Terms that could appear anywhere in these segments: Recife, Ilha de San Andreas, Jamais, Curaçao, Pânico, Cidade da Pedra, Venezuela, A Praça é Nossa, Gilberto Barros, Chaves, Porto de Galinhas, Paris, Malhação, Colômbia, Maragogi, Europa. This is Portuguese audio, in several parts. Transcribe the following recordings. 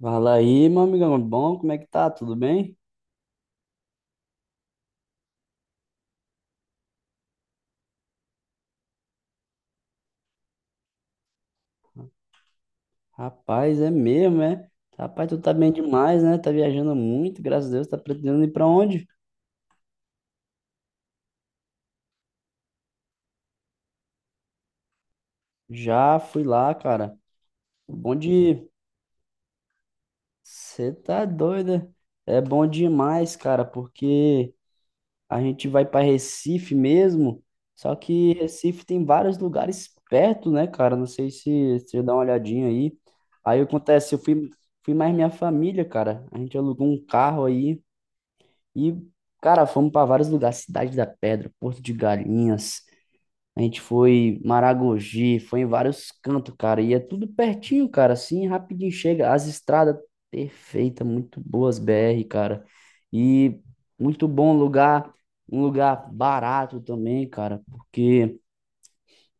Fala aí, meu amigão, bom? Como é que tá? Tudo bem? Rapaz, é mesmo, é? Rapaz, tu tá bem demais, né? Tá viajando muito, graças a Deus. Tá pretendendo ir pra onde? Já fui lá, cara. Bom de... Você tá doida? É. Bom demais, cara, porque a gente vai pra Recife mesmo, só que Recife tem vários lugares perto, né, cara? Não sei se você dá uma olhadinha aí. Aí acontece, eu fui mais minha família, cara. A gente alugou um carro aí. E, cara, fomos para vários lugares: Cidade da Pedra, Porto de Galinhas. A gente foi Maragogi, foi em vários cantos, cara, e é tudo pertinho, cara, assim, rapidinho chega. As estradas perfeitas, muito boas, BR, cara, e muito bom lugar, um lugar barato também, cara, porque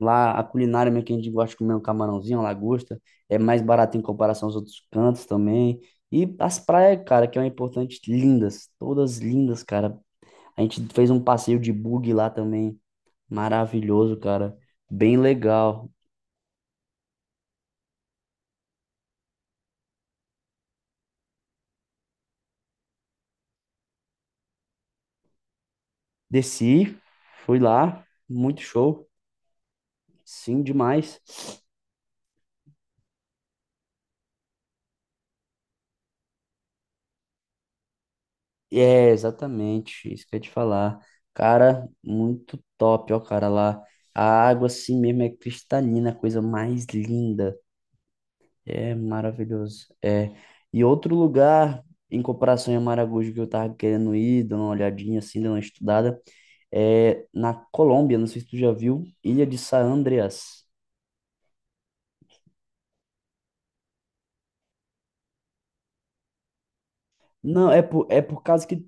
lá a culinária, mesmo que a gente gosta de comer um camarãozinho, uma lagosta, é mais barato em comparação aos outros cantos também. E as praias, cara, que é o importante, lindas, todas lindas, cara. A gente fez um passeio de bug lá também, maravilhoso, cara, bem legal. Desci, fui lá, muito show, sim, demais. É, exatamente, isso que eu ia te falar. Cara, muito top, ó, cara, lá. A água assim mesmo é cristalina, a coisa mais linda. É maravilhoso. É. E outro lugar, em comparação a Maragogi, que eu tava querendo ir, dando uma olhadinha assim, dando uma estudada, é na Colômbia, não sei se tu já viu, Ilha de San Andreas. Não, é por causa que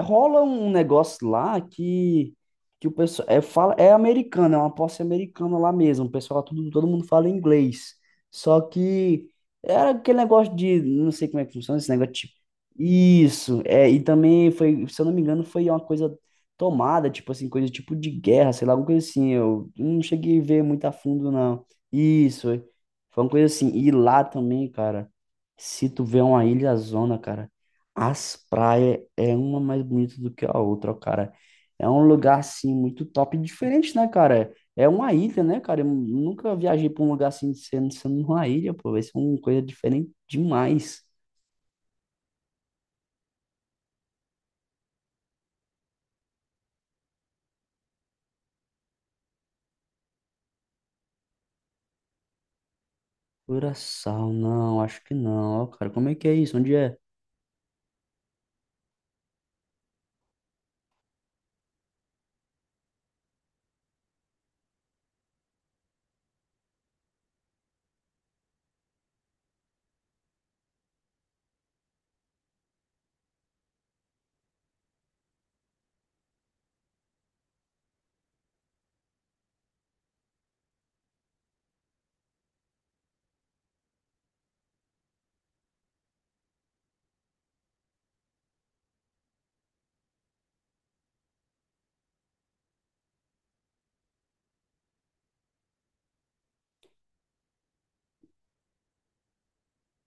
rola um negócio lá que o pessoal é, fala, é americano, é uma posse americana lá mesmo. O pessoal, tudo, todo mundo fala inglês. Só que era aquele negócio de, não sei como é que funciona esse negócio, tipo, isso, é, e também foi, se eu não me engano, foi uma coisa tomada, tipo assim, coisa tipo de guerra, sei lá, alguma coisa assim. Eu não cheguei a ver muito a fundo, não. Isso, foi uma coisa assim, e lá também, cara, se tu vê, uma ilha zona, cara, as praias é uma mais bonita do que a outra, ó, cara. É um lugar assim muito top e diferente, né, cara? É uma ilha, né, cara? Eu nunca viajei pra um lugar assim de sendo uma ilha, pô. Vai ser uma coisa diferente demais. Curaçao, não, acho que não, ó, cara. Como é que é isso? Onde é?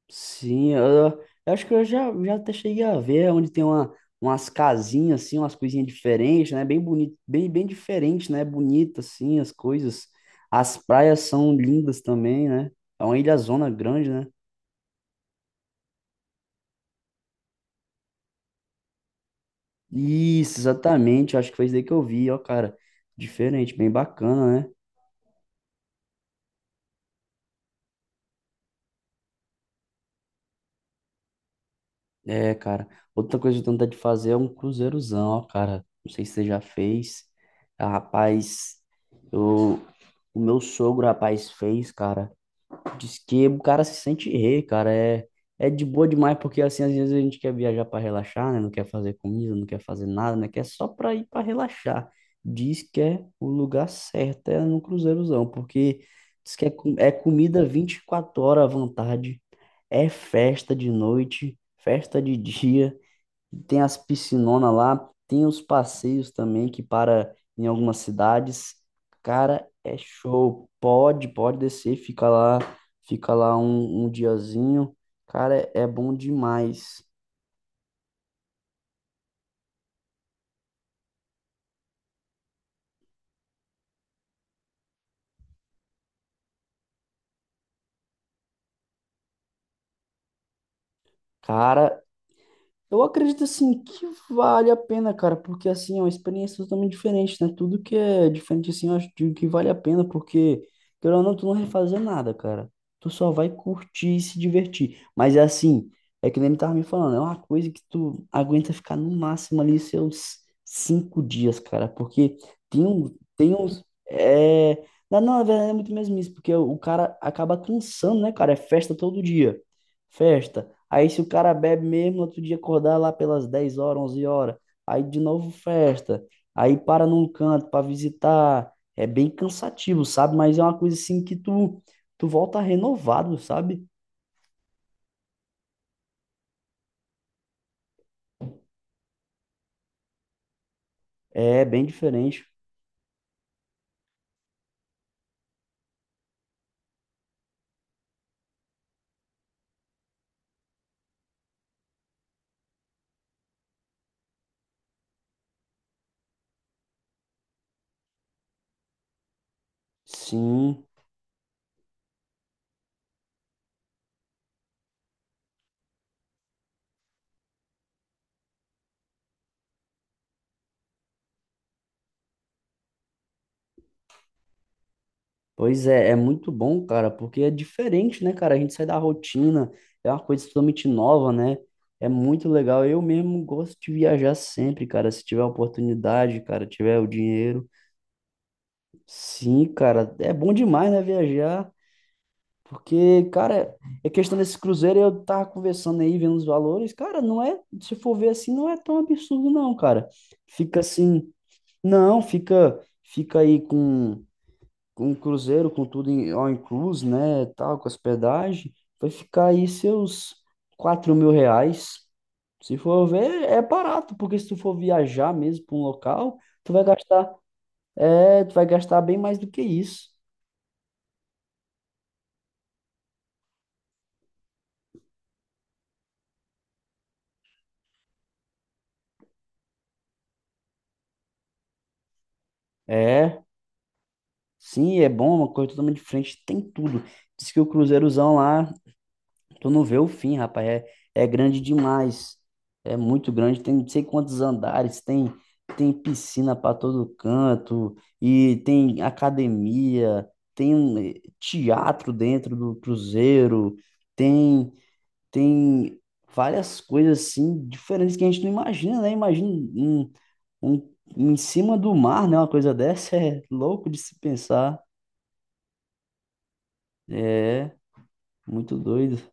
Sim, eu acho que eu já até cheguei a ver onde tem uma, umas casinhas, assim, umas coisinhas diferentes, né? Bem bonito, bem diferente, né? Bonita, assim, as coisas. As praias são lindas também, né? É uma ilha zona grande, né? Isso, exatamente. Eu acho que foi isso daí que eu vi, ó, cara. Diferente, bem bacana, né? É, cara. Outra coisa que eu tenho vontade de fazer é um cruzeirozão, ó, cara. Não sei se você já fez. Ah, rapaz, eu, o meu sogro, rapaz, fez, cara. Diz que o cara se sente rei, cara. É, é de boa demais, porque assim, às vezes a gente quer viajar para relaxar, né? Não quer fazer comida, não quer fazer nada, né? Quer só pra ir para relaxar. Diz que é o lugar certo, é no Cruzeirozão, porque diz que é, é comida 24 horas à vontade, é festa de noite, festa de dia. Tem as piscinonas lá, tem os passeios também que para em algumas cidades. Cara, é show. Pode, pode descer, fica lá um, um diazinho. Cara, é, é bom demais. Cara, eu acredito assim que vale a pena, cara, porque assim é uma experiência totalmente diferente, né? Tudo que é diferente assim, eu acho, digo que vale a pena, porque querendo ou não, tu não vai fazer nada, cara. Tu só vai curtir e se divertir. Mas é assim, é que nem ele tava me falando, é uma coisa que tu aguenta ficar no máximo ali seus 5 dias, cara, porque tem um, tem uns, é, não, não, na verdade é muito mesmo isso, porque o cara acaba cansando, né, cara? É festa todo dia. Festa. Aí se o cara bebe mesmo, outro dia acordar lá pelas 10 horas, 11 horas. Aí de novo festa. Aí para num canto para visitar. É bem cansativo, sabe? Mas é uma coisa assim que tu volta renovado, sabe? É bem diferente. Sim. Pois é, é muito bom, cara, porque é diferente, né, cara? A gente sai da rotina, é uma coisa totalmente nova, né? É muito legal. Eu mesmo gosto de viajar sempre, cara, se tiver a oportunidade, cara, tiver o dinheiro. Sim, cara, é bom demais, né, viajar, porque, cara, é questão desse cruzeiro, eu tava conversando aí, vendo os valores, cara. Não é, se for ver assim, não é tão absurdo não, cara, fica assim, não, fica aí com, o cruzeiro, com tudo em, all inclusive, né, tal, com hospedagem, vai ficar aí seus R$ 4.000. Se for ver, é barato, porque se tu for viajar mesmo para um local, tu vai gastar, é, tu vai gastar bem mais do que isso. É, sim, é bom, uma coisa totalmente diferente, tem tudo. Diz que o Cruzeirozão lá, tu não vê o fim, rapaz, é, é grande demais. É muito grande, tem não sei quantos andares, tem piscina para todo canto e tem academia, tem um, teatro dentro do Cruzeiro, tem tem várias coisas assim diferentes que a gente não imagina, né? Imagina um, um, um, em cima do mar, né? Uma coisa dessa é louco de se pensar. É, muito doido.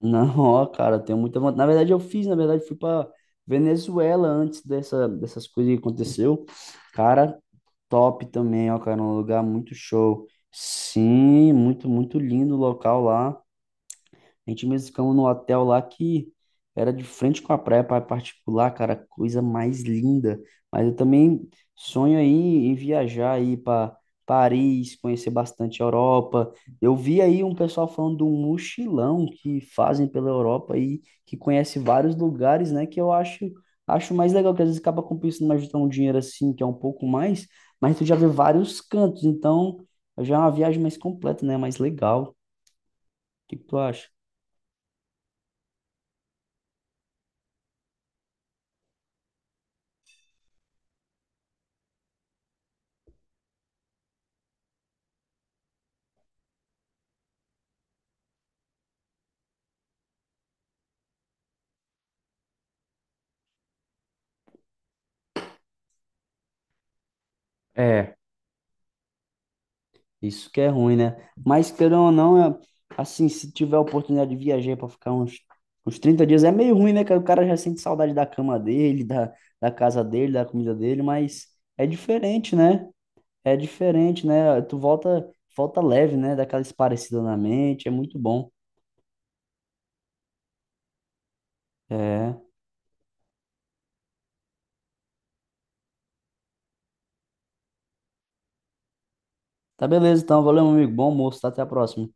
Não, ó, cara, eu tenho muita vontade. Na verdade, eu fiz, na verdade, fui pra Venezuela antes dessas coisas que aconteceu. Cara, top também, ó, cara, um lugar muito show. Sim, muito, muito lindo o local lá. A gente mesmo ficamos num hotel lá que era de frente com a praia, praia particular, cara, coisa mais linda. Mas eu também sonho aí em viajar aí para Paris, conhecer bastante a Europa. Eu vi aí um pessoal falando de um mochilão que fazem pela Europa aí, que conhece vários lugares, né, que eu acho mais legal, que às vezes acaba compensando mais juntar um dinheiro assim, que é um pouco mais, mas tu já vê vários cantos, então já é uma viagem mais completa, né, mais legal. O que que tu acha? Isso que é ruim, né? Mas querendo ou não, assim, se tiver a oportunidade de viajar para ficar uns, 30 dias, é meio ruim, né? Que o cara já sente saudade da cama dele, da, casa dele, da comida dele, mas é diferente, né? É diferente, né? Tu volta leve, né? Daquela esparecida na mente, é muito bom. É. Tá beleza, então. Valeu, meu amigo. Bom almoço, tá? Até a próxima.